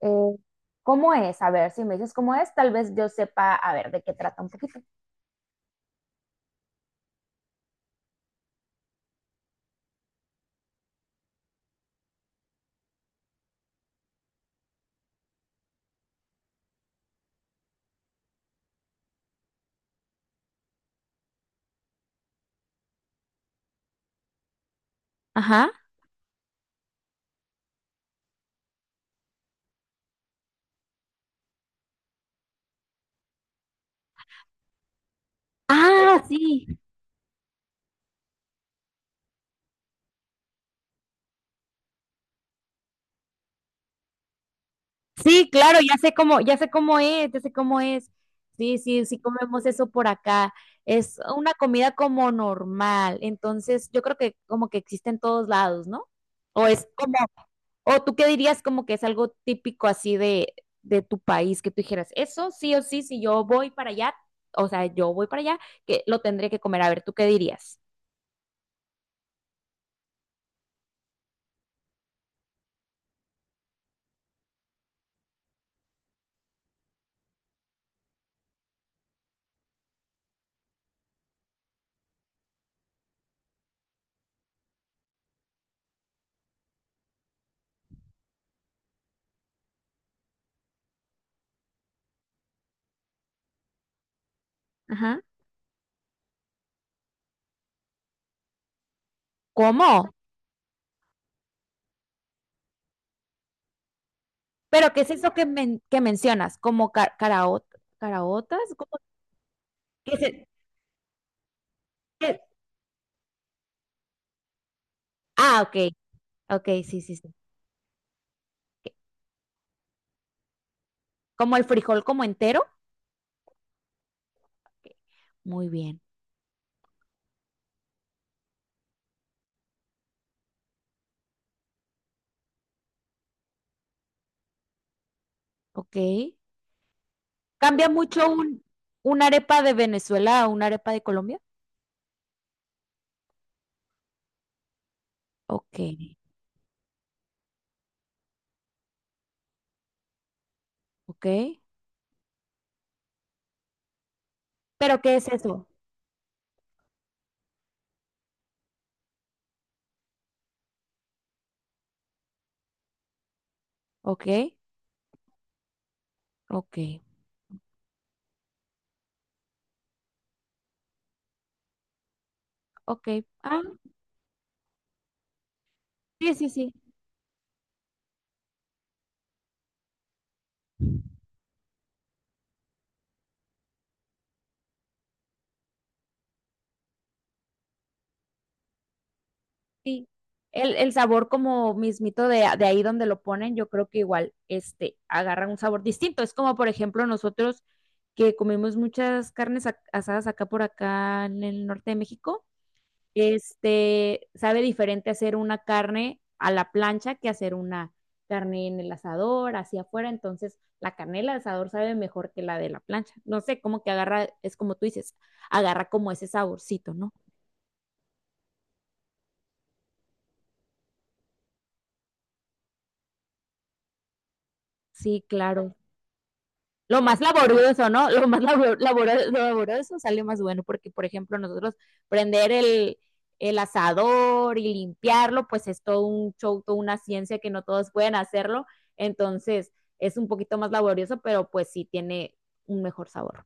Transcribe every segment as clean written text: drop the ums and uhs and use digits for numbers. Eh, ¿Cómo es? A ver, si me dices cómo es, tal vez yo sepa, a ver, de qué trata un poquito. Ajá. Ah, sí. Sí, claro, ya sé cómo es, ya sé cómo es. Sí, sí, sí comemos eso por acá. Es una comida como normal. Entonces, yo creo que como que existe en todos lados, ¿no? O es como, o tú qué dirías como que es algo típico así de tu país, que tú dijeras, eso sí o sí, si yo voy para allá, o sea, yo voy para allá, que lo tendré que comer. A ver, ¿tú qué dirías? ¿Cómo? ¿Pero qué es eso que, que mencionas? ¿Como caraotas? ¿Cómo que se- que- Ah, ok, ok, sí, sí, sí. ¿Como el frijol como entero? Muy bien, ok. ¿Cambia mucho una arepa de Venezuela a una arepa de Colombia? Ok, ok. ¿Pero qué es eso? Ok, ok, ok. Ah, sí, sí, sí. Sí, el sabor como mismito de, de ahí donde lo ponen, yo creo que igual este, agarran un sabor distinto. Es como, por ejemplo, nosotros que comemos muchas carnes asadas acá por acá en el norte de México, este, sabe diferente hacer una carne a la plancha que hacer una carne en el asador, hacia afuera. Entonces, la carne del asador sabe mejor que la de la plancha. No sé, como que agarra, es como tú dices, agarra como ese saborcito, ¿no? Sí, claro. Lo más laborioso, ¿no? Lo más laborioso sale más bueno porque, por ejemplo, nosotros prender el asador y limpiarlo, pues es todo un show, toda una ciencia que no todos pueden hacerlo. Entonces, es un poquito más laborioso, pero pues sí tiene un mejor sabor.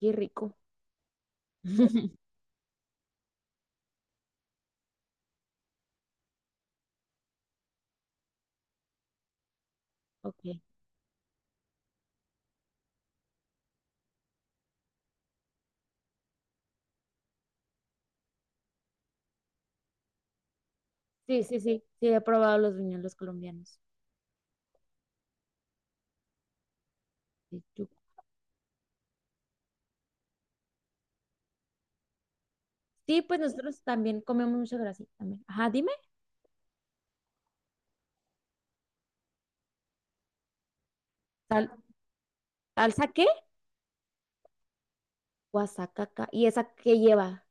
Qué rico. Ok. Sí, sí, sí. Sí, he probado los buñuelos colombianos. Sí, tú. Sí, pues nosotros también comemos mucha grasa. También. Ajá, dime. ¿Sal- ¿Salsa qué? Guasacaca. ¿Y esa qué lleva?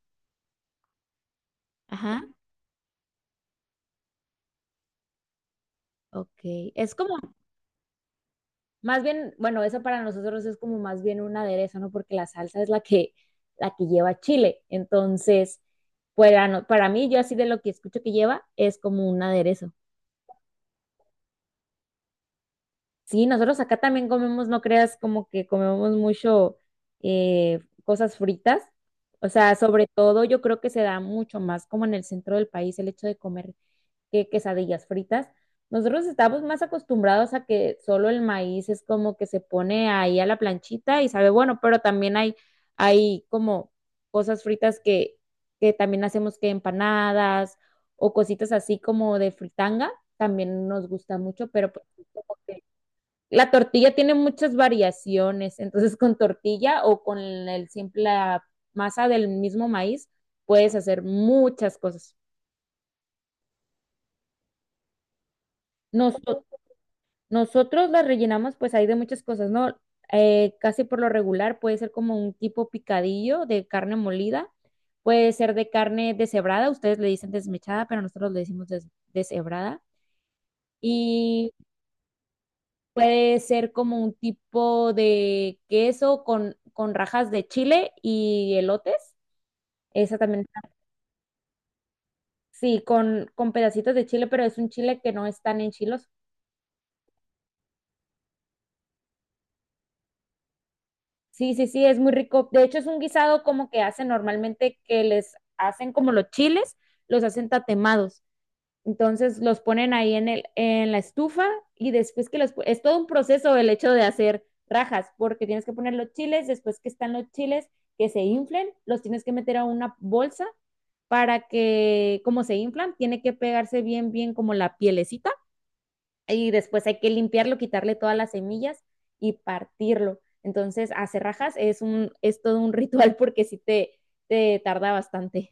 Ajá. Ok, es como, más bien, bueno, eso para nosotros es como más bien un aderezo, ¿no? Porque la salsa es la que lleva chile. Entonces, para, no- para mí, yo así de lo que escucho que lleva, es como un aderezo. Sí, nosotros acá también comemos, no creas, como que comemos mucho cosas fritas. O sea, sobre todo yo creo que se da mucho más como en el centro del país el hecho de comer que quesadillas fritas. Nosotros estamos más acostumbrados a que solo el maíz es como que se pone ahí a la planchita y sabe bueno, pero también hay como cosas fritas que también hacemos que empanadas o cositas así como de fritanga, también nos gusta mucho, pero pues es como que la tortilla tiene muchas variaciones, entonces con tortilla o con el simple la masa del mismo maíz puedes hacer muchas cosas. Nosotros Nosotros las rellenamos, pues hay de muchas cosas, ¿no? Casi por lo regular puede ser como un tipo picadillo de carne molida, puede ser de carne deshebrada, ustedes le dicen desmechada, pero nosotros le decimos deshebrada, y puede ser como un tipo de queso con rajas de chile y elotes, esa también, sí, con pedacitos de chile, pero es un chile que no es tan enchiloso. Sí, sí, sí, es muy rico. De hecho, es un guisado como que hacen normalmente que les hacen como los chiles, los hacen tatemados. Entonces los ponen ahí en la estufa y después que es todo un proceso el hecho de hacer rajas, porque tienes que poner los chiles, después que están los chiles que se inflen, los tienes que meter a una bolsa para que, como se inflan, tiene que pegarse bien, bien como la pielecita y después hay que limpiarlo, quitarle todas las semillas y partirlo. Entonces, hacer rajas es todo un ritual porque sí te tarda bastante.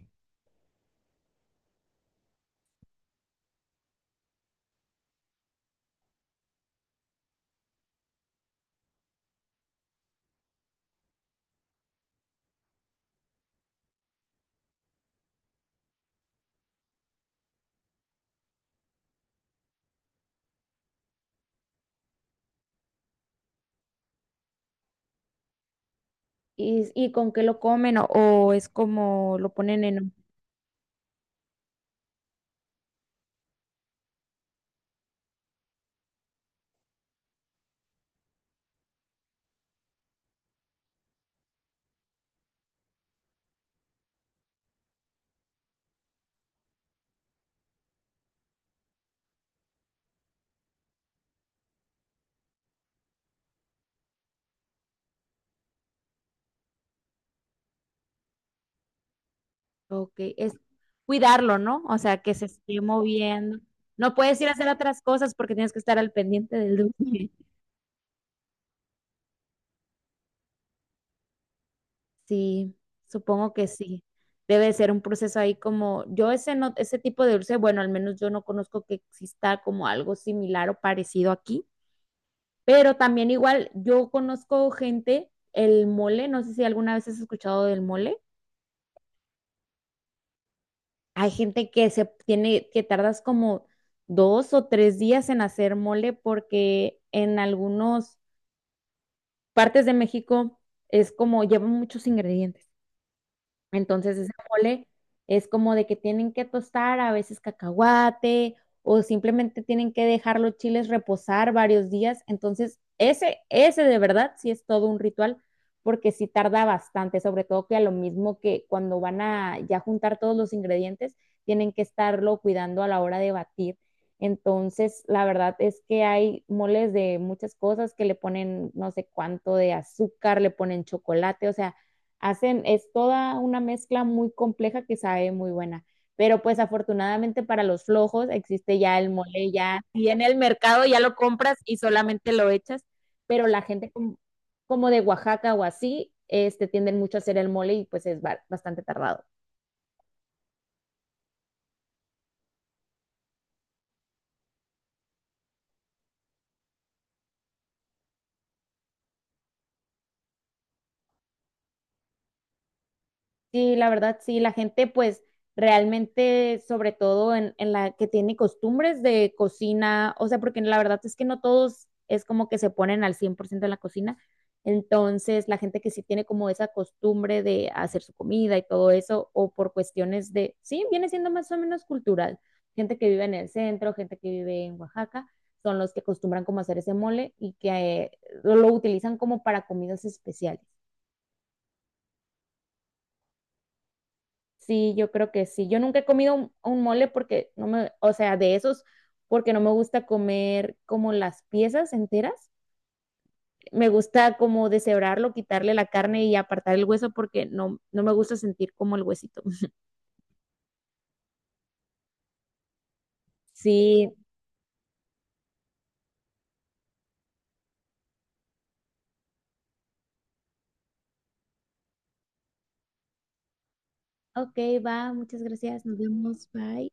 ¿Y con qué lo comen o es como lo ponen en... Ok, es cuidarlo, ¿no? O sea, que se esté moviendo. No puedes ir a hacer otras cosas porque tienes que estar al pendiente del dulce. Sí, supongo que sí. Debe ser un proceso ahí como, yo ese no, ese tipo de dulce, bueno, al menos yo no conozco que exista como algo similar o parecido aquí, pero también igual yo conozco gente, el mole, no sé si alguna vez has escuchado del mole. Hay gente que se tiene, que tardas como 2 o 3 días en hacer mole porque en algunas partes de México es como lleva muchos ingredientes. Entonces ese mole es como de que tienen que tostar a veces cacahuate o simplemente tienen que dejar los chiles reposar varios días. Entonces ese de verdad sí es todo un ritual porque sí tarda bastante, sobre todo que a lo mismo que cuando van a ya juntar todos los ingredientes, tienen que estarlo cuidando a la hora de batir. Entonces, la verdad es que hay moles de muchas cosas que le ponen no sé cuánto de azúcar, le ponen chocolate, o sea, hacen, es toda una mezcla muy compleja que sabe muy buena. Pero pues afortunadamente para los flojos existe ya el mole, ya y en el mercado ya lo compras y solamente lo echas, pero la gente como, de Oaxaca o así, este tienden mucho a hacer el mole y pues es bastante tardado. Sí, la verdad, sí, la gente pues realmente, sobre todo en la que tiene costumbres de cocina, o sea, porque la verdad es que no todos es como que se ponen al 100% en la cocina, entonces la gente que sí tiene como esa costumbre de hacer su comida y todo eso, o por cuestiones de, sí, viene siendo más o menos cultural, gente que vive en el centro, gente que vive en Oaxaca, son los que acostumbran como hacer ese mole y que lo utilizan como para comidas especiales. Sí, yo creo que sí. Yo nunca he comido un mole porque no me, o sea, de esos, porque no me gusta comer como las piezas enteras. Me gusta como deshebrarlo, quitarle la carne y apartar el hueso porque no, no me gusta sentir como el huesito. Sí, ok, va, muchas gracias, nos vemos, bye.